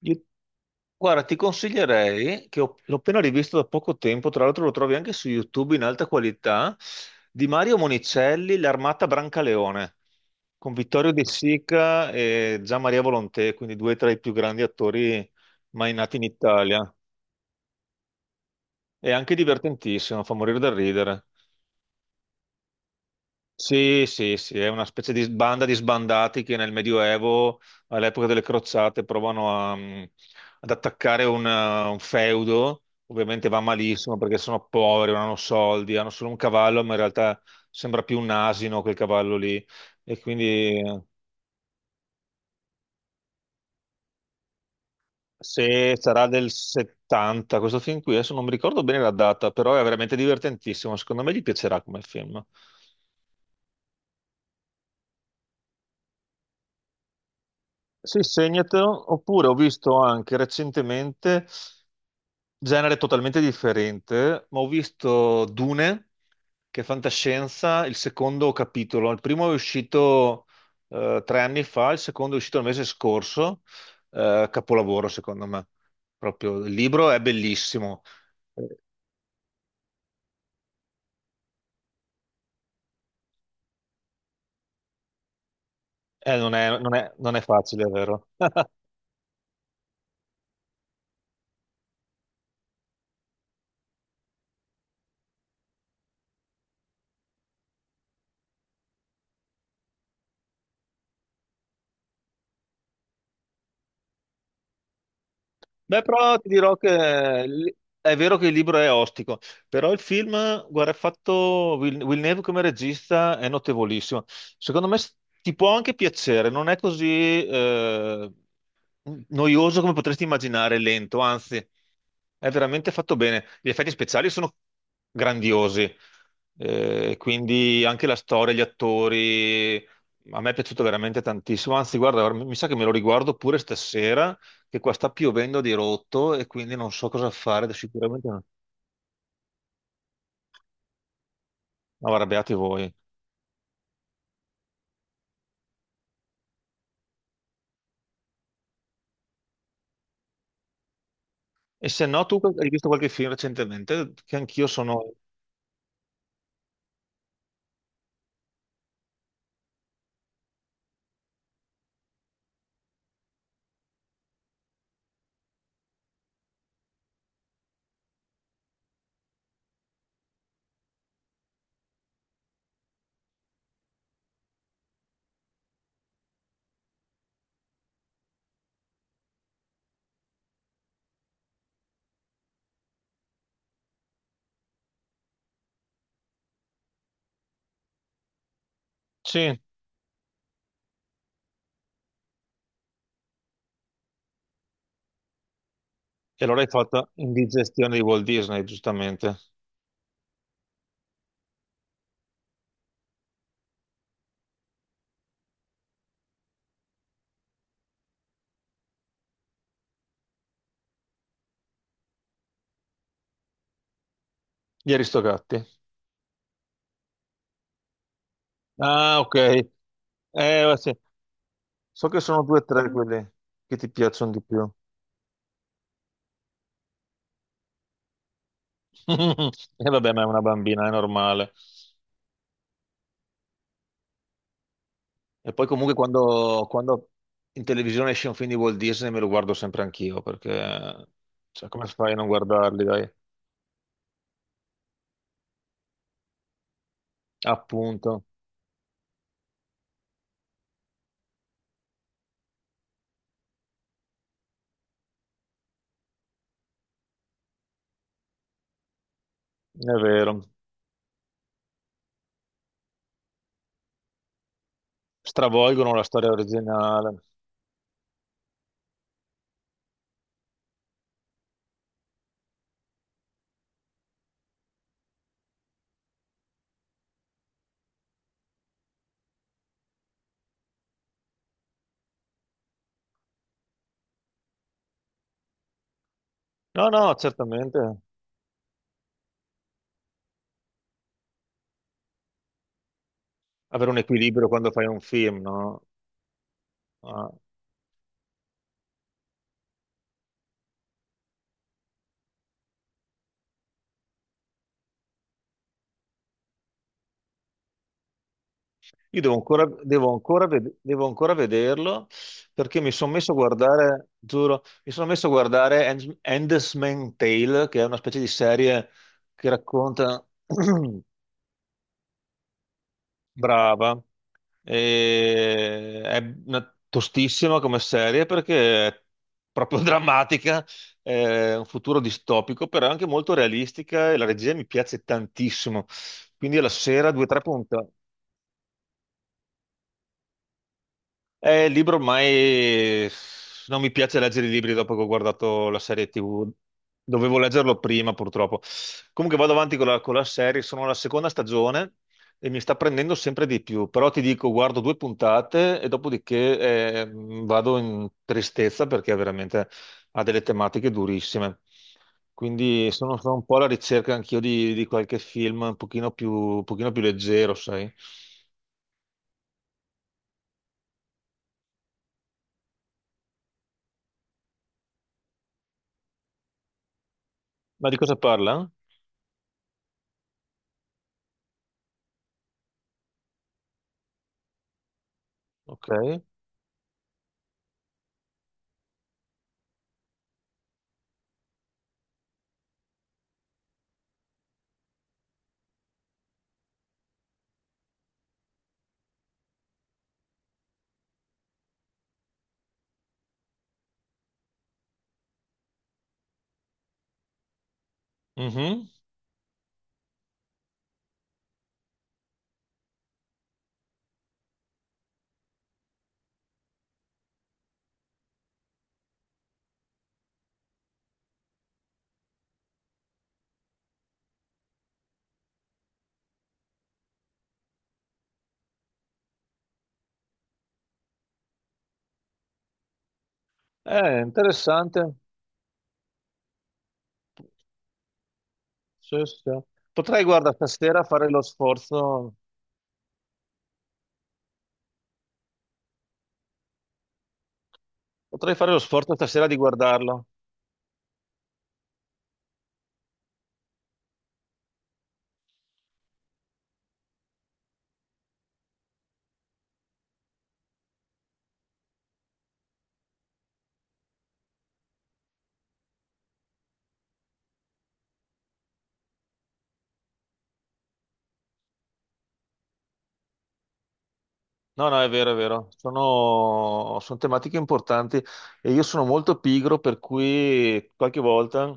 Io- Guarda, ti consiglierei, che ho- l'ho appena rivisto da poco tempo, tra l'altro lo trovi anche su YouTube in alta qualità, di Mario Monicelli, L'Armata Brancaleone, con Vittorio De Sica e Gian Maria Volonté, quindi due tra i più grandi attori mai nati in Italia. È anche divertentissimo, fa morire da ridere. Sì, sì, sì, è una specie di banda di sbandati che nel Medioevo, all'epoca delle crociate, provano a, ad attaccare un feudo. Ovviamente va malissimo perché sono poveri, non hanno soldi, hanno solo un cavallo, ma in realtà sembra più un asino quel cavallo lì. E quindi se sarà del 70, questo film qui, adesso non mi ricordo bene la data, però è veramente divertentissimo. Secondo me gli piacerà come film. Sì, segnatelo. Oppure ho visto anche recentemente. Genere totalmente differente, ma ho visto Dune, che è fantascienza, il secondo capitolo. Il primo è uscito tre anni fa, il secondo è uscito il mese scorso, capolavoro secondo me. Proprio il libro è bellissimo. Non è facile, è vero? Beh, però ti dirò che l- è vero che il libro è ostico, però il film, guarda, è fatto Villeneuve come regista è notevolissimo. Secondo me ti può anche piacere, non è così, noioso come potresti immaginare, lento, anzi, è veramente fatto bene. Gli effetti speciali sono grandiosi, quindi anche la storia, gli attori, a me è piaciuto veramente tantissimo. Anzi, guarda, ora mi sa che me lo riguardo pure stasera, che qua sta piovendo di rotto e quindi non so cosa fare, sicuramente no. No, arrabbiati voi. E se no, tu hai visto qualche film recentemente, che anch'io sono... Sì, e allora hai fatto indigestione di Walt Disney, giustamente. Gli Aristogatti. Ah, ok. Sì. So che sono due o tre quelle che ti piacciono di più. E vabbè, ma è una bambina, è normale. E poi comunque quando in televisione esce un film di Walt Disney me lo guardo sempre anch'io, perché cioè, come fai a non guardarli, dai? Appunto, è vero. Stravolgono la storia originale. No, no, certamente. Avere un equilibrio quando fai un film, no? Ah, io devo ancora, devo ancora vederlo perché mi sono messo a guardare, giuro, mi sono messo a guardare Handmaid's Tale, che è una specie di serie che racconta, brava, E è una- tostissima come serie perché è proprio drammatica, è un futuro distopico, però è anche molto realistica e la regia mi piace tantissimo. Quindi alla sera due o tre puntate. Il libro ormai non mi piace leggere i libri dopo che ho guardato la serie TV. Dovevo leggerlo prima, purtroppo. Comunque vado avanti con la serie, sono alla seconda stagione e mi sta prendendo sempre di più. Però ti dico, guardo due puntate e dopodiché eh, vado in tristezza perché veramente ha delle tematiche durissime. Quindi sono, sono un po' alla ricerca anch'io di qualche film un pochino più leggero, sai? Ma di cosa parla? Ok. Mhm. Interessante. Sì, sì, sì. Potrei, guarda, stasera fare lo sforzo, potrei fare lo sforzo stasera di guardarlo. No, no, è vero, è vero. Sono, sono tematiche importanti e io sono molto pigro, per cui qualche volta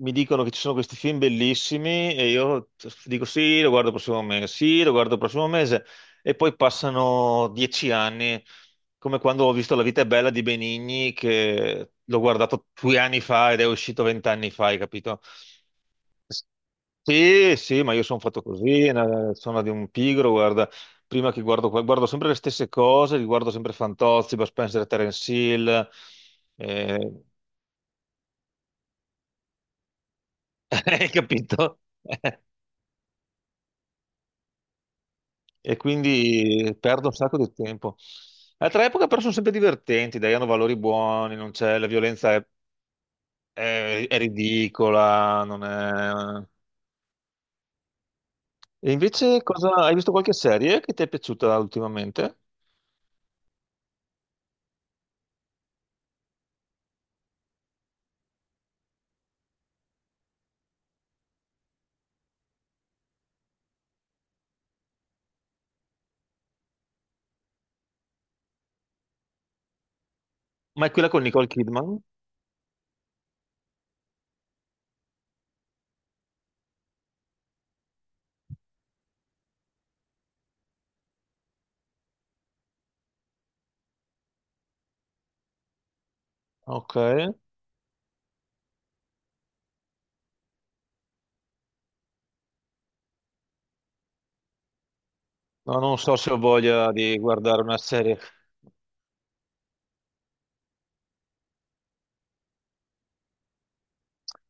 mi dicono che ci sono questi film bellissimi e io dico sì, lo guardo il prossimo mese, sì, lo guardo il prossimo mese e poi passano 10 anni, come quando ho visto La vita è bella di Benigni, che l'ho guardato due anni fa ed è uscito 20 anni fa, hai capito? Sì, sì, ma io sono fatto così, una- sono di un pigro, guarda prima che guardo, guardo sempre le stesse cose, riguardo sempre Fantozzi, Bud Spencer e Terence Hill, eh, hai capito? E quindi perdo un sacco di tempo. Altra epoca però sono sempre divertenti, dai, hanno valori buoni, non c'è, la violenza è, è ridicola, non è... E invece cosa, hai visto qualche serie che ti è piaciuta ultimamente? Ma è quella con Nicole Kidman? Ok, no, non so se ho voglia di guardare una serie.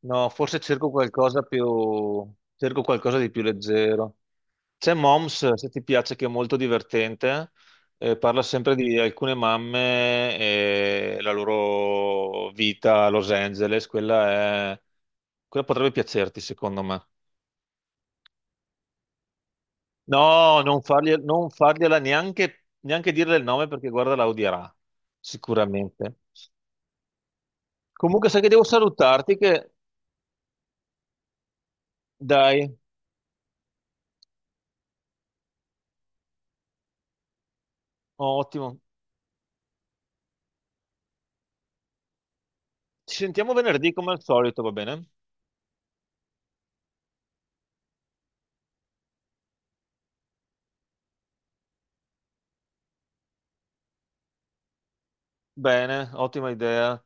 No, forse cerco qualcosa più... cerco qualcosa di più leggero. C'è Moms, se ti piace, che è molto divertente. Eh, parla sempre di alcune mamme e la loro vita a Los Angeles. Quella è... quella potrebbe piacerti, secondo me. No, non fargliela neanche, neanche dirle il nome perché guarda, la odierà, sicuramente. Comunque, sai che devo salutarti che... Dai, oh, ottimo. Ci sentiamo venerdì come al solito, va bene? Bene, ottima idea.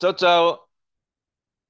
Ciao ciao.